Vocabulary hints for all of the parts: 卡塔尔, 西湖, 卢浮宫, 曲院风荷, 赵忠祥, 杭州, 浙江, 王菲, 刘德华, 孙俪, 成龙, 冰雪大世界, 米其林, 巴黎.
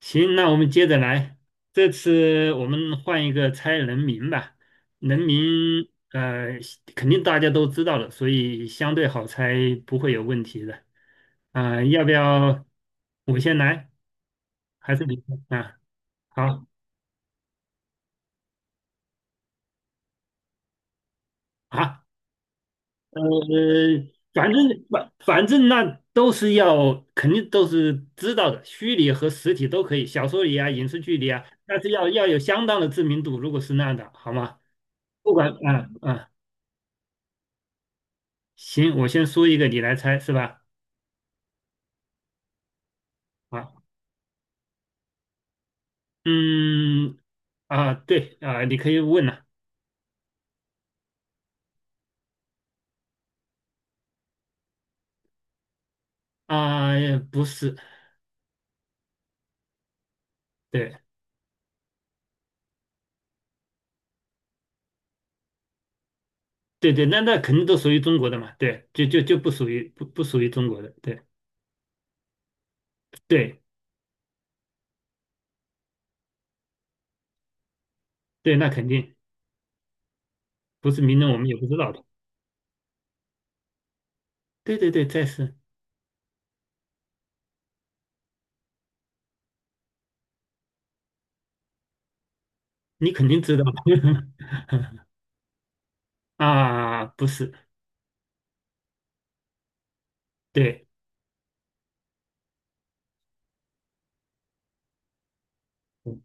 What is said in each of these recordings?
行，那我们接着来。这次我们换一个猜人名吧。人名，肯定大家都知道了，所以相对好猜，不会有问题的。啊、要不要我先来，还是你先啊？好啊，呃，反正反正那都是要，肯定都是知道的，虚拟和实体都可以，小说里啊，影视剧里啊，但是要有相当的知名度，如果是那样的，好吗？不管，啊啊。行，我先说一个，你来猜是吧？啊，嗯，啊，对啊，你可以问了。啊，不是，对对对，那肯定都属于中国的嘛，对，就不属于不属于中国的，对对对，那肯定不是名人，我们也不知道的，对对对，再是。你肯定知道的。啊，不是。对。嗯。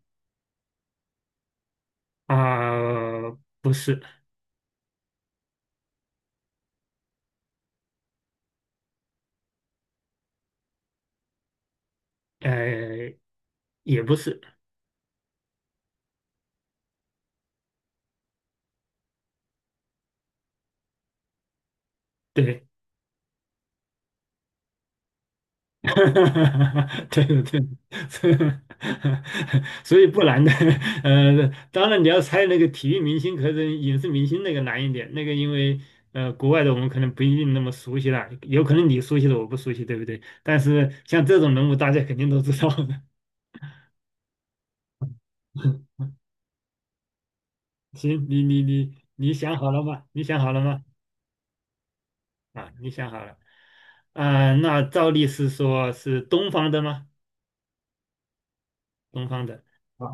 啊，不是。呃，也不是。对。哈对的，对的，所以不难的。当然你要猜那个体育明星，可能影视明星那个难一点，那个因为呃国外的我们可能不一定那么熟悉了，有可能你熟悉的我不熟悉，对不对？但是像这种人物，大家肯定都知道的。行，你想好了吗？你想好了吗？啊，你想好了。啊、那照例是说是东方的吗？东方的。啊，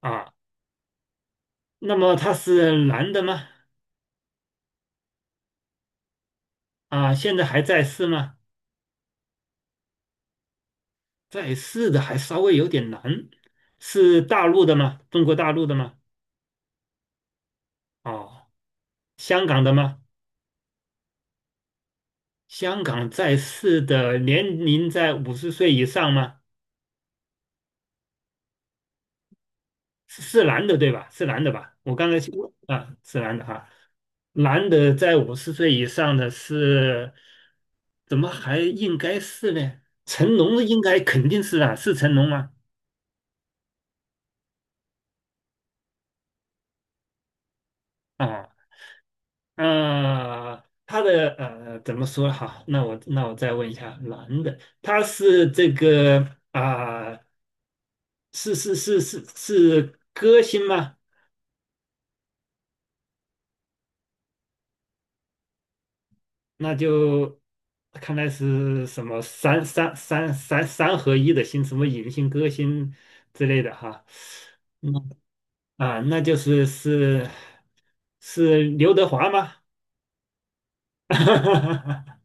啊，那么他是男的吗？啊，现在还在世吗？在世的还稍微有点难。是大陆的吗？中国大陆的吗？哦，香港的吗？香港在世的年龄在五十岁以上吗？是男的对吧？是男的吧？我刚才问啊，是男的哈、男的在五十岁以上的是，怎么还应该是呢？成龙应该肯定是啊，是成龙吗？啊，他的呃怎么说哈？那我再问一下，男的，他是这个啊、是歌星吗？那就看来是什么三合一的星，什么影星、歌星之类的哈。啊、那就是是刘德华吗？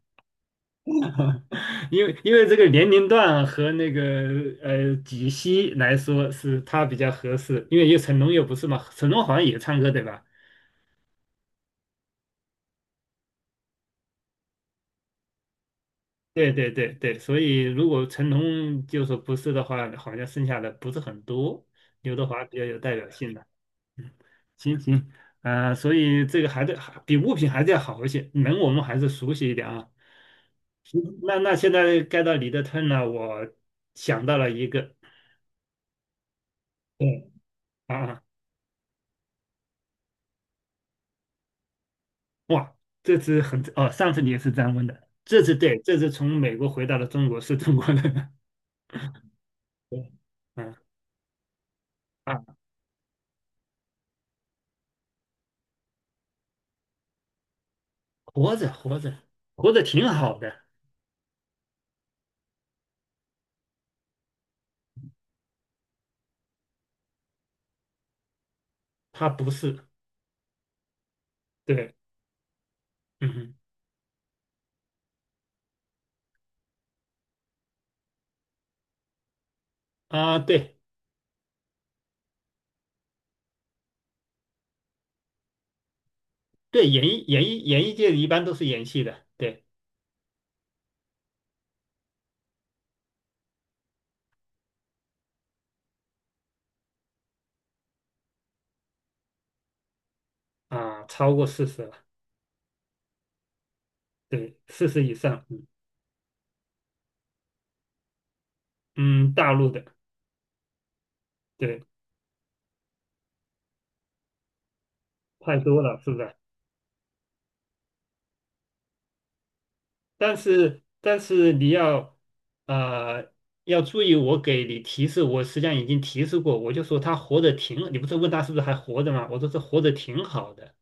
因为这个年龄段和那个呃几息来说是他比较合适，因为有成龙又不是嘛，成龙好像也唱歌对吧？对对对对，所以如果成龙就说不是的话，好像剩下的不是很多。刘德华比较有代表性的。嗯，行行，所以这个还得还比物品还是要好一些，人我们还是熟悉一点啊。行，那那现在该到你的 turn 了，我想到了一个。对。啊。啊。哇，这次很哦，上次你也是这样问的，这次对，这次从美国回到了中国是中国人。对。嗯。啊，活着活着挺好的。他不是。对。嗯哼。啊，对对，演艺演艺界一般都是演戏的，对。啊，超过四十了。对，四十以上，嗯。嗯，大陆的。对。太多了，是不是？但是你要呃要注意，我给你提示，我实际上已经提示过，我就说他活得挺，你不是问他是不是还活着吗？我说是活得挺好的，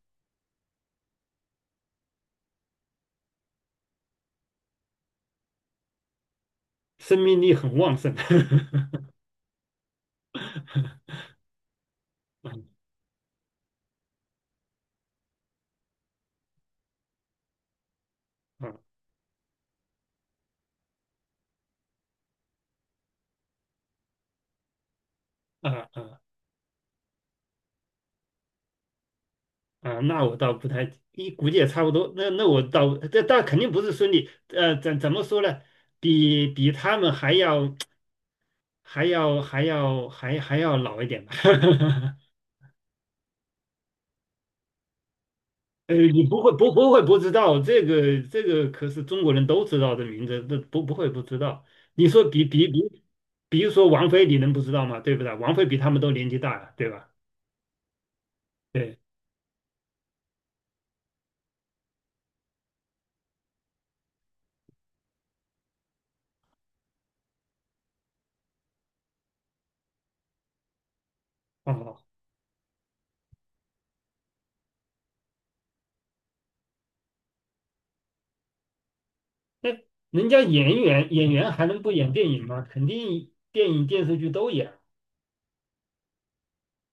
生命力很旺盛。嗯嗯啊啊。啊，那我倒不太，一估计也差不多。那我倒，这但肯定不是孙俪，呃，怎么说呢？比他们还要 还要老一点吧。呃，你不会不知道，这个这个可是中国人都知道的名字，这不会不知道。你说比，比如说王菲，你能不知道吗？对不对？王菲比他们都年纪大呀，对吧？对。哦，那人家演员还能不演电影吗？肯定电影电视剧都演。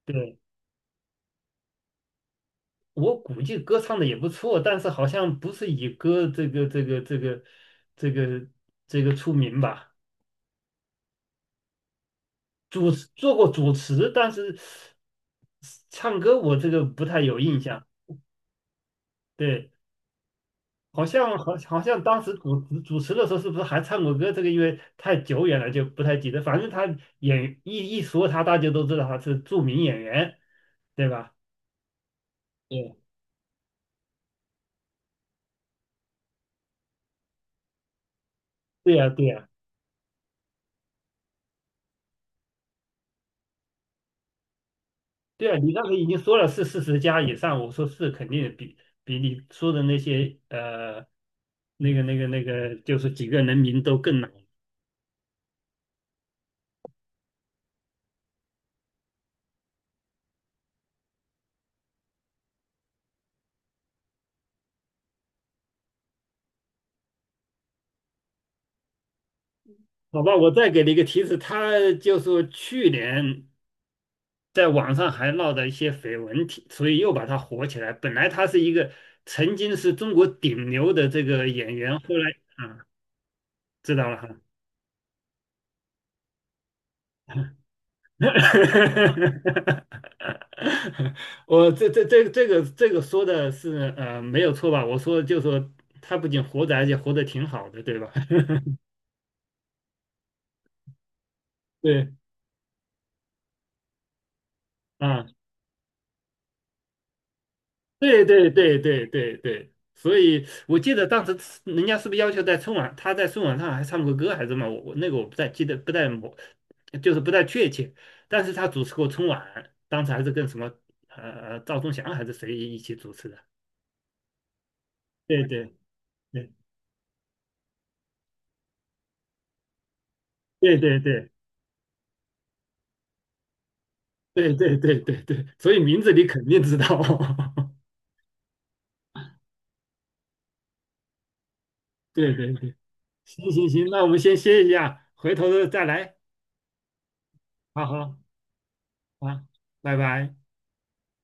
对，我估计歌唱的也不错，但是好像不是以歌这个这个出名吧？主持做过主持，但是唱歌我这个不太有印象。对，好像好像当时主持的时候是不是还唱过歌？这个因为太久远了就不太记得。反正他演一说他，大家都知道他是著名演员，对吧？对，对呀对呀对呀，你刚才已经说了是四十加以上，我说是肯定比你说的那些呃那个就是几个人名都更难。好吧，我再给你一个提示，他就是去年在网上还闹的一些绯闻体，所以又把他火起来。本来他是一个曾经是中国顶流的这个演员，后来啊，知道了哈。我这个说的是呃没有错吧？我说就说他不仅活着，而且活得挺好的，对吧？对。啊。对，所以我记得当时人家是不是要求在春晚，他在春晚上还唱过歌还是什么？我我那个我不太记得，不太我就是不太确切。但是他主持过春晚，当时还是跟什么赵忠祥还是谁一起主持的。对对对对对对对，所以名字你肯定知道。对，行行行，那我们先歇一下，回头再来。好好好，拜拜。